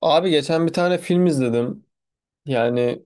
Abi geçen bir tane film izledim. Yani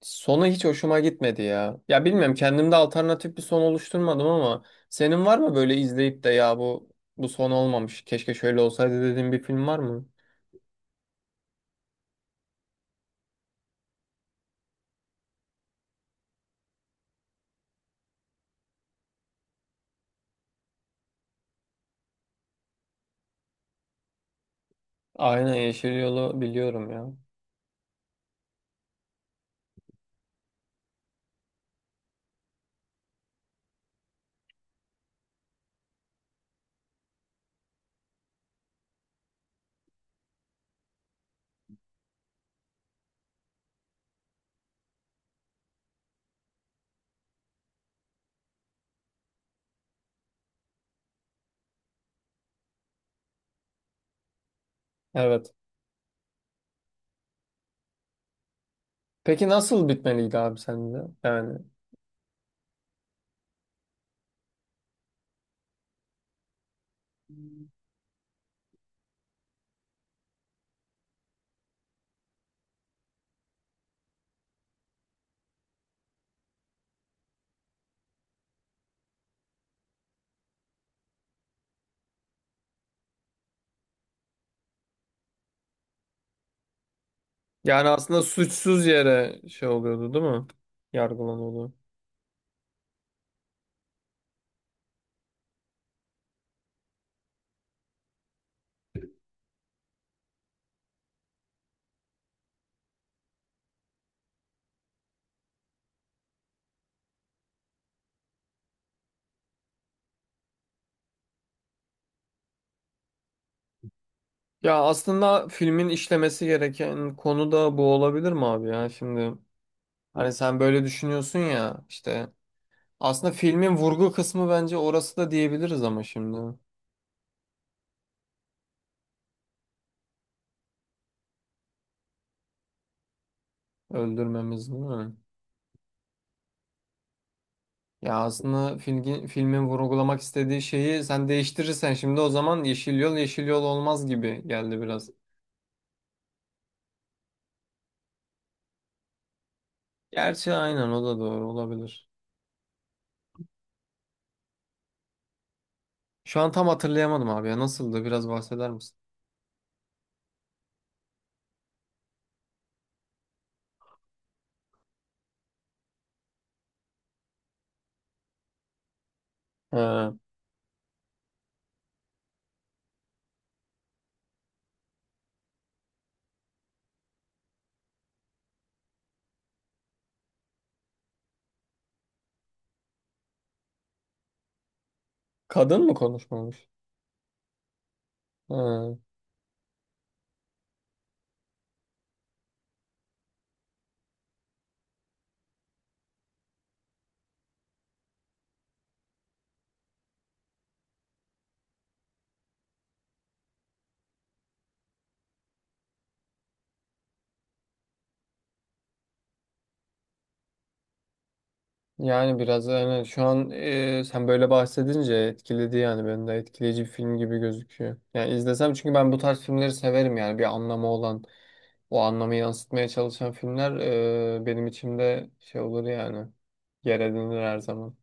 sonu hiç hoşuma gitmedi ya. Ya bilmiyorum, kendimde alternatif bir son oluşturmadım ama senin var mı böyle izleyip de ya bu son olmamış, keşke şöyle olsaydı dediğin bir film var mı? Aynen, Yeşil Yol'u biliyorum ya. Evet. Peki nasıl bitmeliydi abi sende? Yani yani aslında suçsuz yere şey oluyordu değil mi? Yargılanıyordu. Ya aslında filmin işlemesi gereken konu da bu olabilir mi abi ya şimdi? Hani sen böyle düşünüyorsun ya, işte aslında filmin vurgu kısmı bence orası da diyebiliriz ama şimdi öldürmemiz değil mi? Ya aslında filmin vurgulamak istediği şeyi sen değiştirirsen şimdi, o zaman Yeşil Yol Yeşil Yol olmaz gibi geldi biraz. Gerçi aynen, o da doğru olabilir. Şu an tam hatırlayamadım abi ya, nasıldı, biraz bahseder misin? He, kadın mı konuşmamış? He. Yani biraz, yani şu an sen böyle bahsedince etkiledi, yani beni de etkileyici bir film gibi gözüküyor. Yani izlesem, çünkü ben bu tarz filmleri severim, yani bir anlamı olan, o anlamı yansıtmaya çalışan filmler benim içimde şey olur yani, yer edinir her zaman.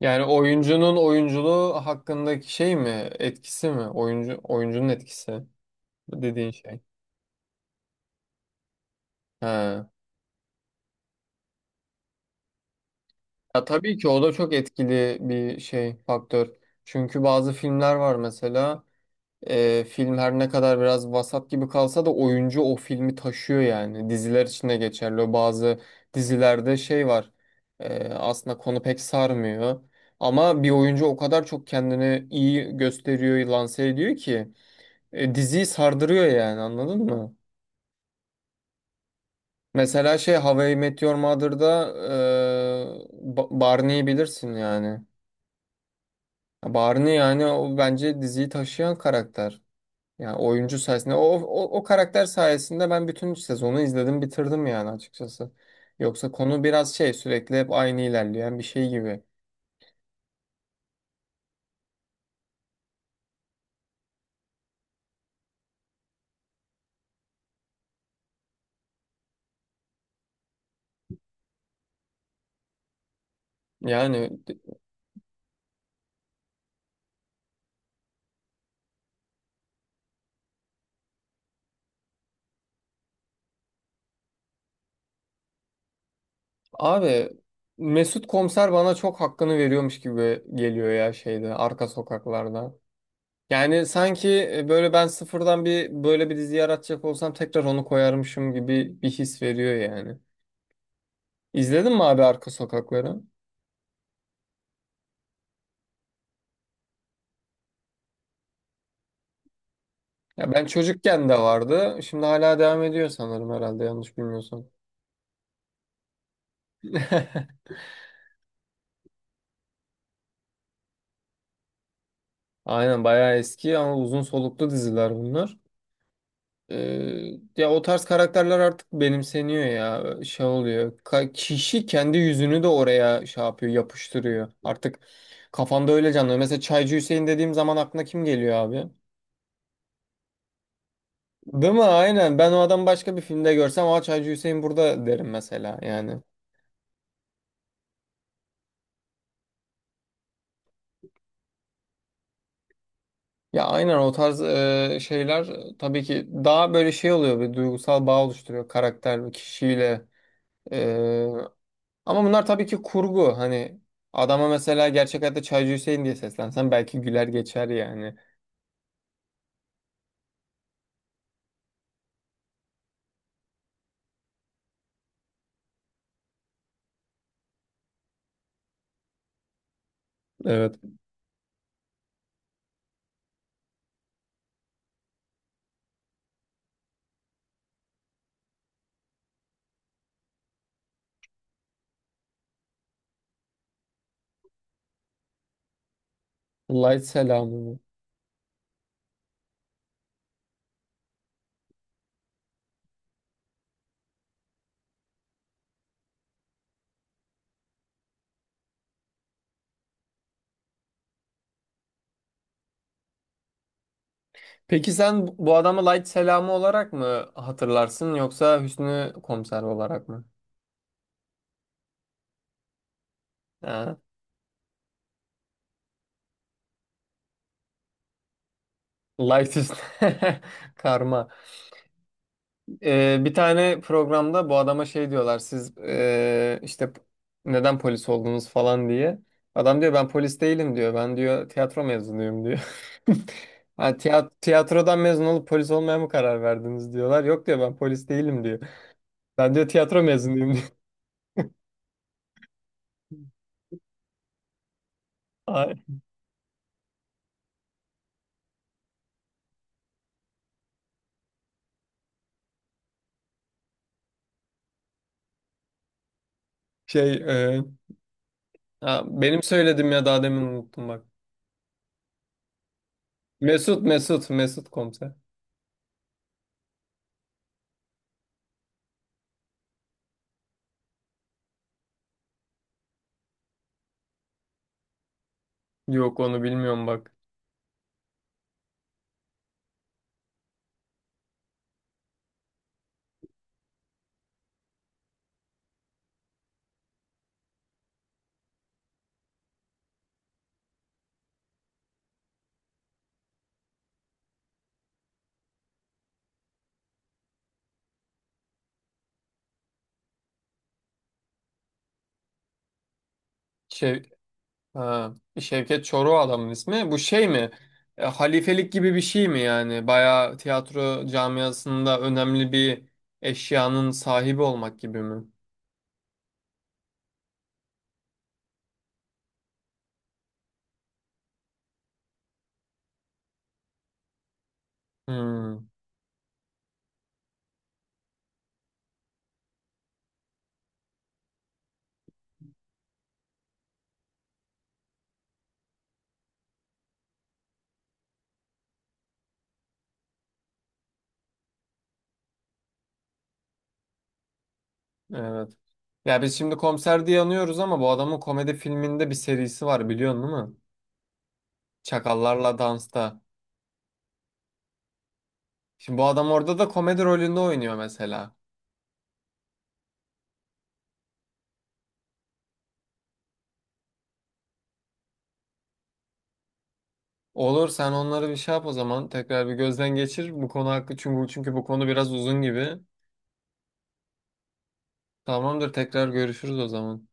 Yani oyuncunun oyunculuğu hakkındaki şey mi, etkisi mi, oyuncunun etkisi dediğin şey. Ha. Ya tabii ki o da çok etkili bir şey, faktör. Çünkü bazı filmler var mesela. Film her ne kadar biraz vasat gibi kalsa da oyuncu o filmi taşıyor yani. Diziler için de geçerli. O bazı dizilerde şey var. Aslında konu pek sarmıyor. Ama bir oyuncu o kadar çok kendini iyi gösteriyor, lanse ediyor ki diziyi sardırıyor yani, anladın mı? Mesela şey, How I Met Your Mother'da Barney'i bilirsin yani. Barney, yani o bence diziyi taşıyan karakter. Yani oyuncu sayesinde, o karakter sayesinde ben bütün sezonu izledim, bitirdim yani açıkçası. Yoksa konu biraz şey, sürekli hep aynı ilerleyen bir şey gibi. Yani d- Abi, Mesut Komiser bana çok hakkını veriyormuş gibi geliyor ya, şeyde, Arka Sokaklarda. Yani sanki böyle, ben sıfırdan bir, böyle bir dizi yaratacak olsam tekrar onu koyarmışım gibi bir his veriyor yani. İzledin mi abi Arka Sokakları? Ya ben çocukken de vardı. Şimdi hala devam ediyor sanırım, herhalde yanlış bilmiyorsam. Aynen, bayağı eski ama uzun soluklu diziler bunlar. Ee, Ya o tarz karakterler artık benimseniyor ya. Şey oluyor, kişi kendi yüzünü de oraya şey yapıyor, yapıştırıyor. Artık kafanda öyle canlanıyor. Mesela Çaycı Hüseyin dediğim zaman aklına kim geliyor abi? Değil mi? Aynen. Ben o adamı başka bir filmde görsem, "Aa, Çaycı Hüseyin burada" derim mesela yani. Ya aynen, o tarz şeyler, tabii ki daha böyle şey oluyor, bir duygusal bağ oluşturuyor karakter ve kişiyle. E, Ama bunlar tabii ki kurgu. Hani adama mesela gerçek hayatta Çaycı Hüseyin diye seslensen belki güler geçer yani. Evet. Light Selamı bu. Peki sen bu adamı Light Selamı olarak mı hatırlarsın, yoksa Hüsnü Komiser olarak mı? Ha, Light Hüsnü. Karma. Bir tane programda bu adama şey diyorlar, siz işte, neden polis oldunuz falan diye. Adam diyor ben polis değilim diyor. Ben diyor tiyatro mezunuyum diyor. Ha, tiyatrodan mezun olup polis olmaya mı karar verdiniz diyorlar. Yok diyor ben polis değilim diyor. Ben diyor tiyatro mezunuyum diyor. Ay, Şey ee, ha, benim söyledim ya daha demin, unuttum bak. Mesut Komiser. Yok, onu bilmiyorum bak. Şey, Ha, Şevket Çoruh adamın ismi. Bu şey mi? Halifelik gibi bir şey mi yani? Bayağı tiyatro camiasında önemli bir eşyanın sahibi olmak gibi mi? Hmm, evet. Ya biz şimdi komiser diye anıyoruz ama bu adamın komedi filminde bir serisi var, biliyorsun değil mi? Çakallarla Dans'ta. Şimdi bu adam orada da komedi rolünde oynuyor mesela. Olur, sen onları bir şey yap o zaman. Tekrar bir gözden geçir bu konu hakkı, çünkü bu konu biraz uzun gibi. Tamamdır, tekrar görüşürüz o zaman.